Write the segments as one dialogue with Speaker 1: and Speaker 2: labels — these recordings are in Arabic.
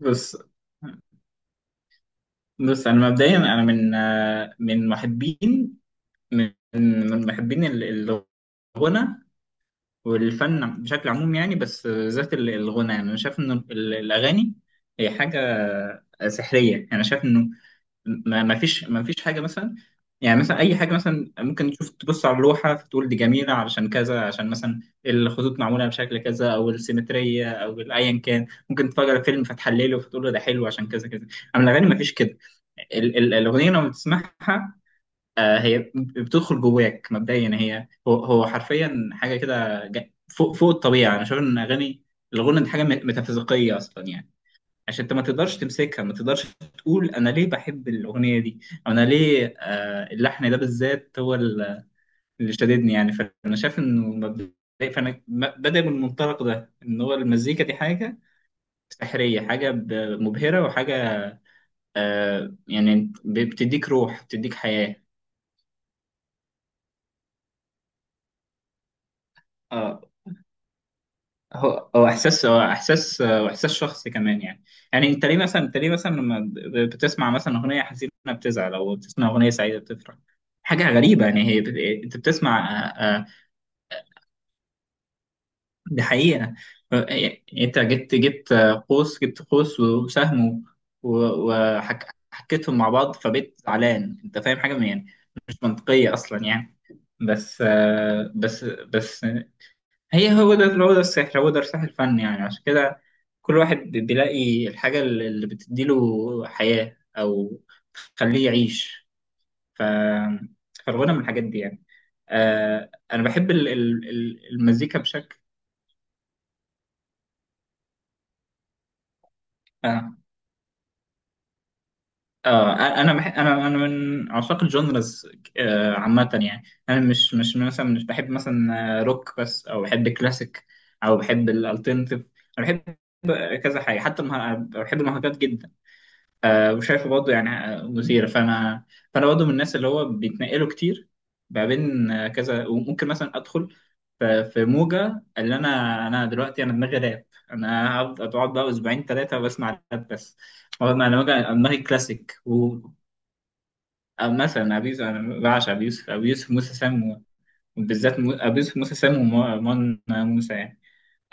Speaker 1: بص بص. انا مبدئيا، انا من محبين، من محبين الغنى والفن بشكل عموم يعني. بس ذات الغنى، يعني انا شايف ان الاغاني هي حاجه سحريه. يعني انا شايف انه ما فيش حاجه مثلا. يعني مثلا اي حاجه، مثلا ممكن تبص على اللوحه فتقول دي جميله علشان كذا، عشان مثلا الخطوط معموله بشكل كذا او السيمتريه او ايا كان. ممكن تتفرج على فيلم فتحلله فتقول له ده حلو عشان كذا كذا، اما الاغاني ما فيش كده. الأغنية لما بتسمعها هي بتدخل جواك مبدئيا، هي هو حرفيا حاجة كده فوق الطبيعة. أنا شايف إن أغاني الغنى دي حاجة ميتافيزيقية أصلا يعني. عشان أنت ما تقدرش تمسكها، ما تقدرش تقول أنا ليه بحب الأغنية دي، أو أنا ليه اللحن ده بالذات هو اللي شددني يعني. فأنا شايف إنه مبدئيا، فأنا بادئ من المنطلق ده إن هو المزيكا دي حاجة سحرية، حاجة مبهرة وحاجة يعني بتديك روح بتديك حياة. اه، هو احساس واحساس شخصي كمان يعني. يعني انت ليه مثلا، انت ليه مثلا لما بتسمع مثلا اغنيه حزينه بتزعل، او بتسمع اغنيه سعيده بتفرح؟ حاجه غريبه يعني، هي انت بتسمع. آه، آه، دي حقيقه. يعني انت جبت قوس وسهم وحكيتهم مع بعض فبقيت زعلان. انت فاهم حاجه يعني مش منطقيه اصلا يعني. بس بس هي، هو ده السحر، هو ده السحر الفني يعني. عشان كده كل واحد بيلاقي الحاجة اللي بتديله حياة أو تخليه يعيش. ف... فالغنى من الحاجات دي يعني. آه أنا بحب المزيكا بشكل آه, أنا من عشاق الجونرز عامة يعني. أنا مش مثلا، مش بحب مثلا روك بس، أو بحب كلاسيك، أو بحب الالترناتيف. أنا بحب كذا حاجة، حتى بحب المهرجانات جدا. وشايفه برضه يعني مثيرة. فأنا، برضه من الناس اللي هو بيتنقلوا كتير ما بين كذا. وممكن مثلا أدخل في موجة، اللي أنا دلوقتي أنا دماغي راب. أنا أقعد بقى أسبوعين ثلاثة بسمع راب بس. مرة أنا بقى دماغي كلاسيك، و مثلا أبي يوسف، أنا بعشق أبي يوسف، أبي يوسف موسى سام. وبالذات أبي يوسف موسى سام ومون موسى يعني.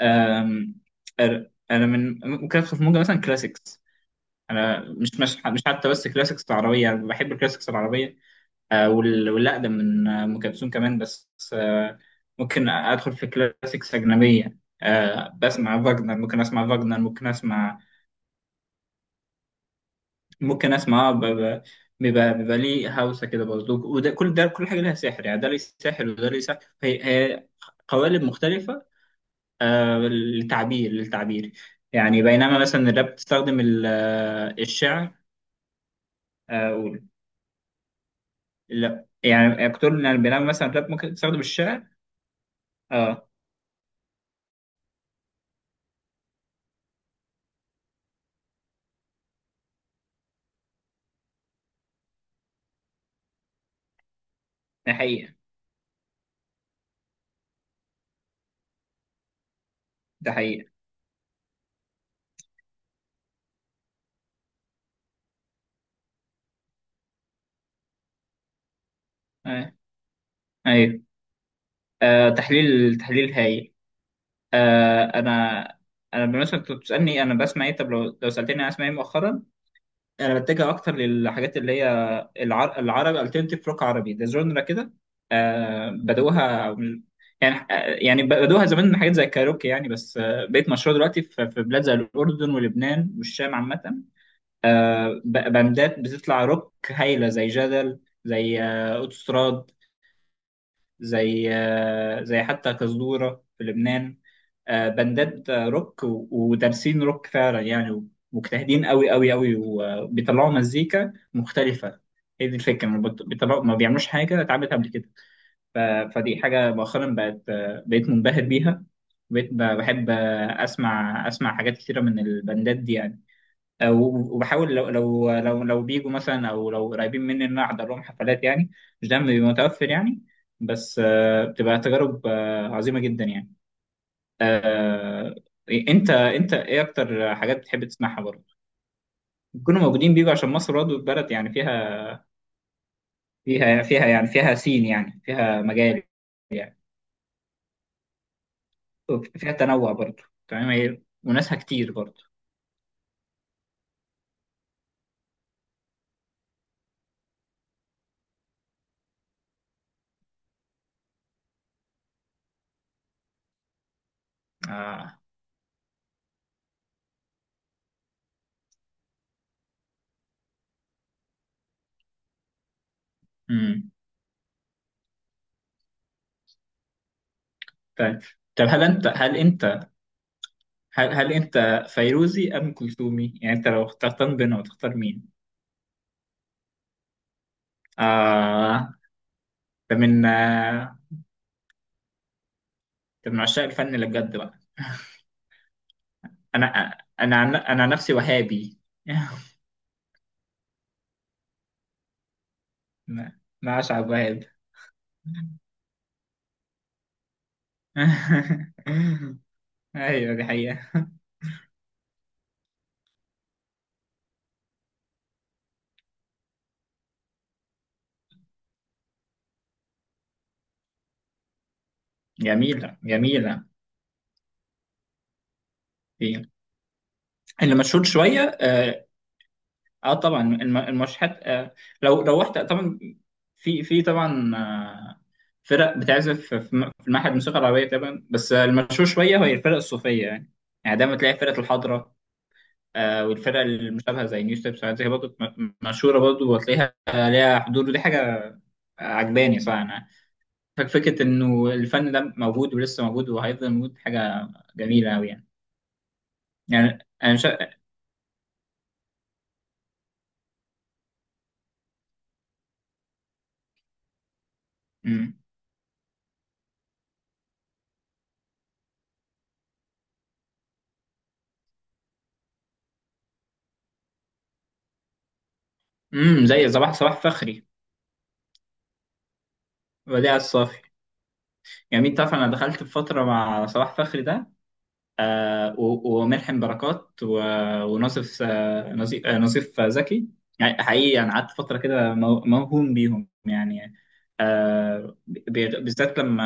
Speaker 1: آم، أنا من ممكن أدخل في موجة مثلا كلاسيكس. انا مش حتى بس كلاسيكس العربيه، أنا بحب الكلاسيكس العربيه والاقدم من ام كلثوم كمان. بس ممكن ادخل في كلاسيكس اجنبيه، بسمع فاجنر، ممكن اسمع فاجنر، ممكن اسمع، ممكن اسمع بيبقى ليه هوسه كده برضه. وده، كل ده، كل حاجه لها سحر يعني، ده ليه سحر وده ليه سحر. هي قوالب مختلفه للتعبير، يعني. بينما مثلا الراب بتستخدم الشعر. لا يعني كتر من البرنامج مثلا الراب ممكن تستخدم الشعر. اه. ده حقيقة. ده حقيقة. آه. ايوه. آه تحليل هايل. آه انا، بالنسبة كنت بتسألني انا بسمع ايه؟ طب لو سألتني انا اسمع ايه مؤخرا، انا بتجه اكتر للحاجات اللي هي العربي الترنتيف روك عربي. ده جونرا كده آه بدأوها يعني يعني بدأوها زمان من حاجات زي الكاروكي يعني. بس بقت مشهورة دلوقتي في في بلاد زي الأردن ولبنان والشام عامة. بندات بتطلع روك هايلة زي جدل، زي اوتوستراد، زي حتى كزدورة في لبنان. بندات روك ودارسين روك فعلا يعني، مجتهدين قوي قوي قوي، وبيطلعوا مزيكا مختلفة. هي دي الفكرة، ما بت- بيطلعوا، ما بيعملوش حاجة اتعملت قبل كده. ف- فدي حاجة مؤخرا بقت بقيت منبهر بيها. بقيت بحب اسمع حاجات كتيرة من البندات دي يعني. وبحاول لو بيجوا مثلا او لو قريبين مني ان انا احضر لهم حفلات يعني. مش دايما بيبقى متوفر يعني. بس بتبقى تجارب عظيمة جدا يعني. آه، انت، ايه اكتر حاجات بتحب تسمعها برضه؟ بيكونوا موجودين، بيجوا عشان مصر برضه بلد يعني فيها، فيها يعني فيها سين يعني فيها مجال يعني، فيها تنوع برضه. تمام، هي وناسها كتير برضه. آه. مم. طيب. طب هل انت فيروزي ام كلثومي؟ يعني انت لو اخترتان بينهم تختار مين؟ آه، ده من ده من عشاق الفن اللي بجد بقى. انا انا عن نفسي وهابي. ما، اشعب وهاب. ايوه دي حقيقة. جميلة جميلة. إيه. اللي مشهور شوية اه طبعا المشهد آه، لو رحت طبعا، في في طبعا آه فرق بتعزف في في المعهد الموسيقى العربية طبعا. بس المشهور شوية هي الفرق الصوفية يعني. يعني دايما تلاقي فرقة الحضرة، آه، والفرق المشابهة زي نيو ستيبس وحاجات زي برضه مشهورة برضه، وتلاقيها ليها حضور. ودي حاجة عجباني صراحة أنا. فكرة إنه الفن ده موجود ولسه موجود وهيفضل موجود حاجة جميلة أوي يعني. يعني أنا مش. امم. أمم، زي صباح فخري، وديع الصافي. جميل. تعرف انا دخلت في فتره مع صلاح فخري ده وملحم بركات وناصف نظيف زكي. يعني حقيقي انا قعدت فتره كده موهوم بيهم يعني. بالذات لما،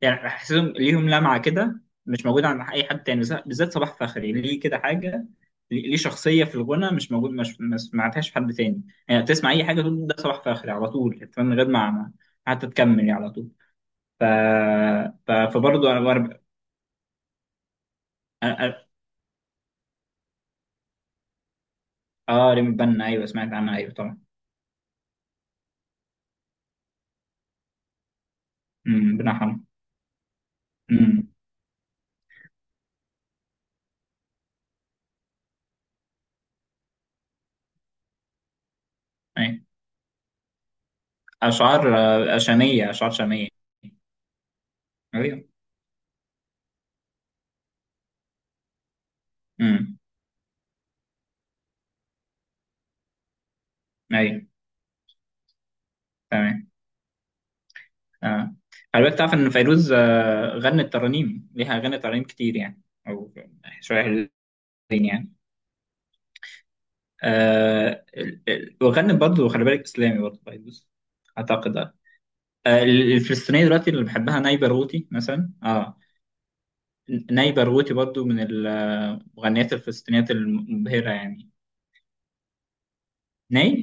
Speaker 1: يعني حسيتهم ليهم لمعه كده مش موجوده عند اي حد تاني. بالذات، بالذات صلاح فخري، ليه كده حاجه، ليه شخصيه في الغنى مش موجود، مش ما سمعتهاش في حد تاني يعني. تسمع اي حاجه تقول ده صلاح فخري على طول من غير حتى تكمل يعني، على طول. ف... فبرضه انا، وانا ب- أنا- أنا- اه ريم بنا، ايوه سمعت عنها، ايوه طبعا. امم، ربنا يرحمه. امم. ايوه. اشعار شاميه، اشعار شاميه. ايوه. امم. ايوه. تمام. اه خلي بالك تعرف ان فيروز غنت ترانيم، ليها اغاني ترانيم كتير يعني. او شويه حلوين يعني. وغنت برضه، خلي بالك، اسلامي برضه فيروز اعتقد. آه. الفلسطينيه دلوقتي اللي بحبها نايبه روتي مثلا. اه ناي باروتي برضو من المغنيات الفلسطينيات المبهرة يعني. ناي.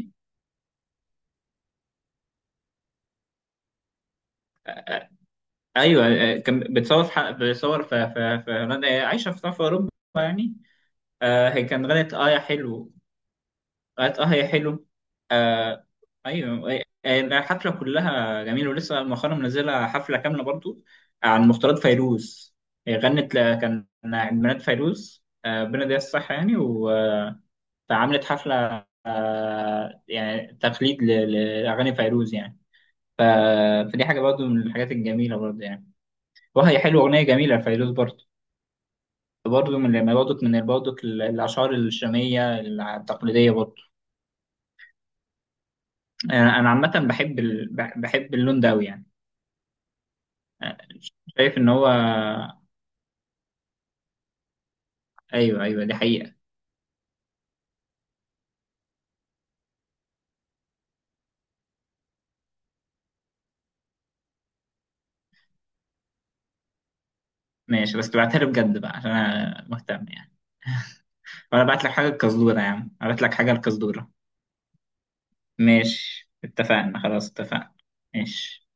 Speaker 1: ايوه. كان بتصور في بتصور في هولندا، هي عايشة في في اوروبا يعني. هي كان غنت اه يا حلو، غنت اه يا حلو. آه. ايوه. الحفلة كلها جميلة. ولسه مؤخرا منزلة حفلة كاملة برضو عن مختارات فيروز. هي غنت كان عيد ميلاد فيروز ربنا يديها الصحة يعني. فعملت حفلة يعني تقليد لأغاني فيروز يعني. ف- فدي حاجة برضو من الحاجات الجميلة برضو يعني. وهي حلوة، أغنية جميلة لفيروز برضو. برضو من، لما، برضو من برضو الأشعار الشامية التقليدية برضو. أنا عامة بحب بحب اللون ده أوي يعني. آه، شايف إن هو، أيوه أيوه دي حقيقة. ماشي، بس تبعتها لي بجد بقى عشان أنا مهتم يعني. وأنا بعت لك حاجة القزدورة يا عم، أبعت لك حاجة القزدورة. ماشي اتفقنا، خلاص اتفقنا. ماشي.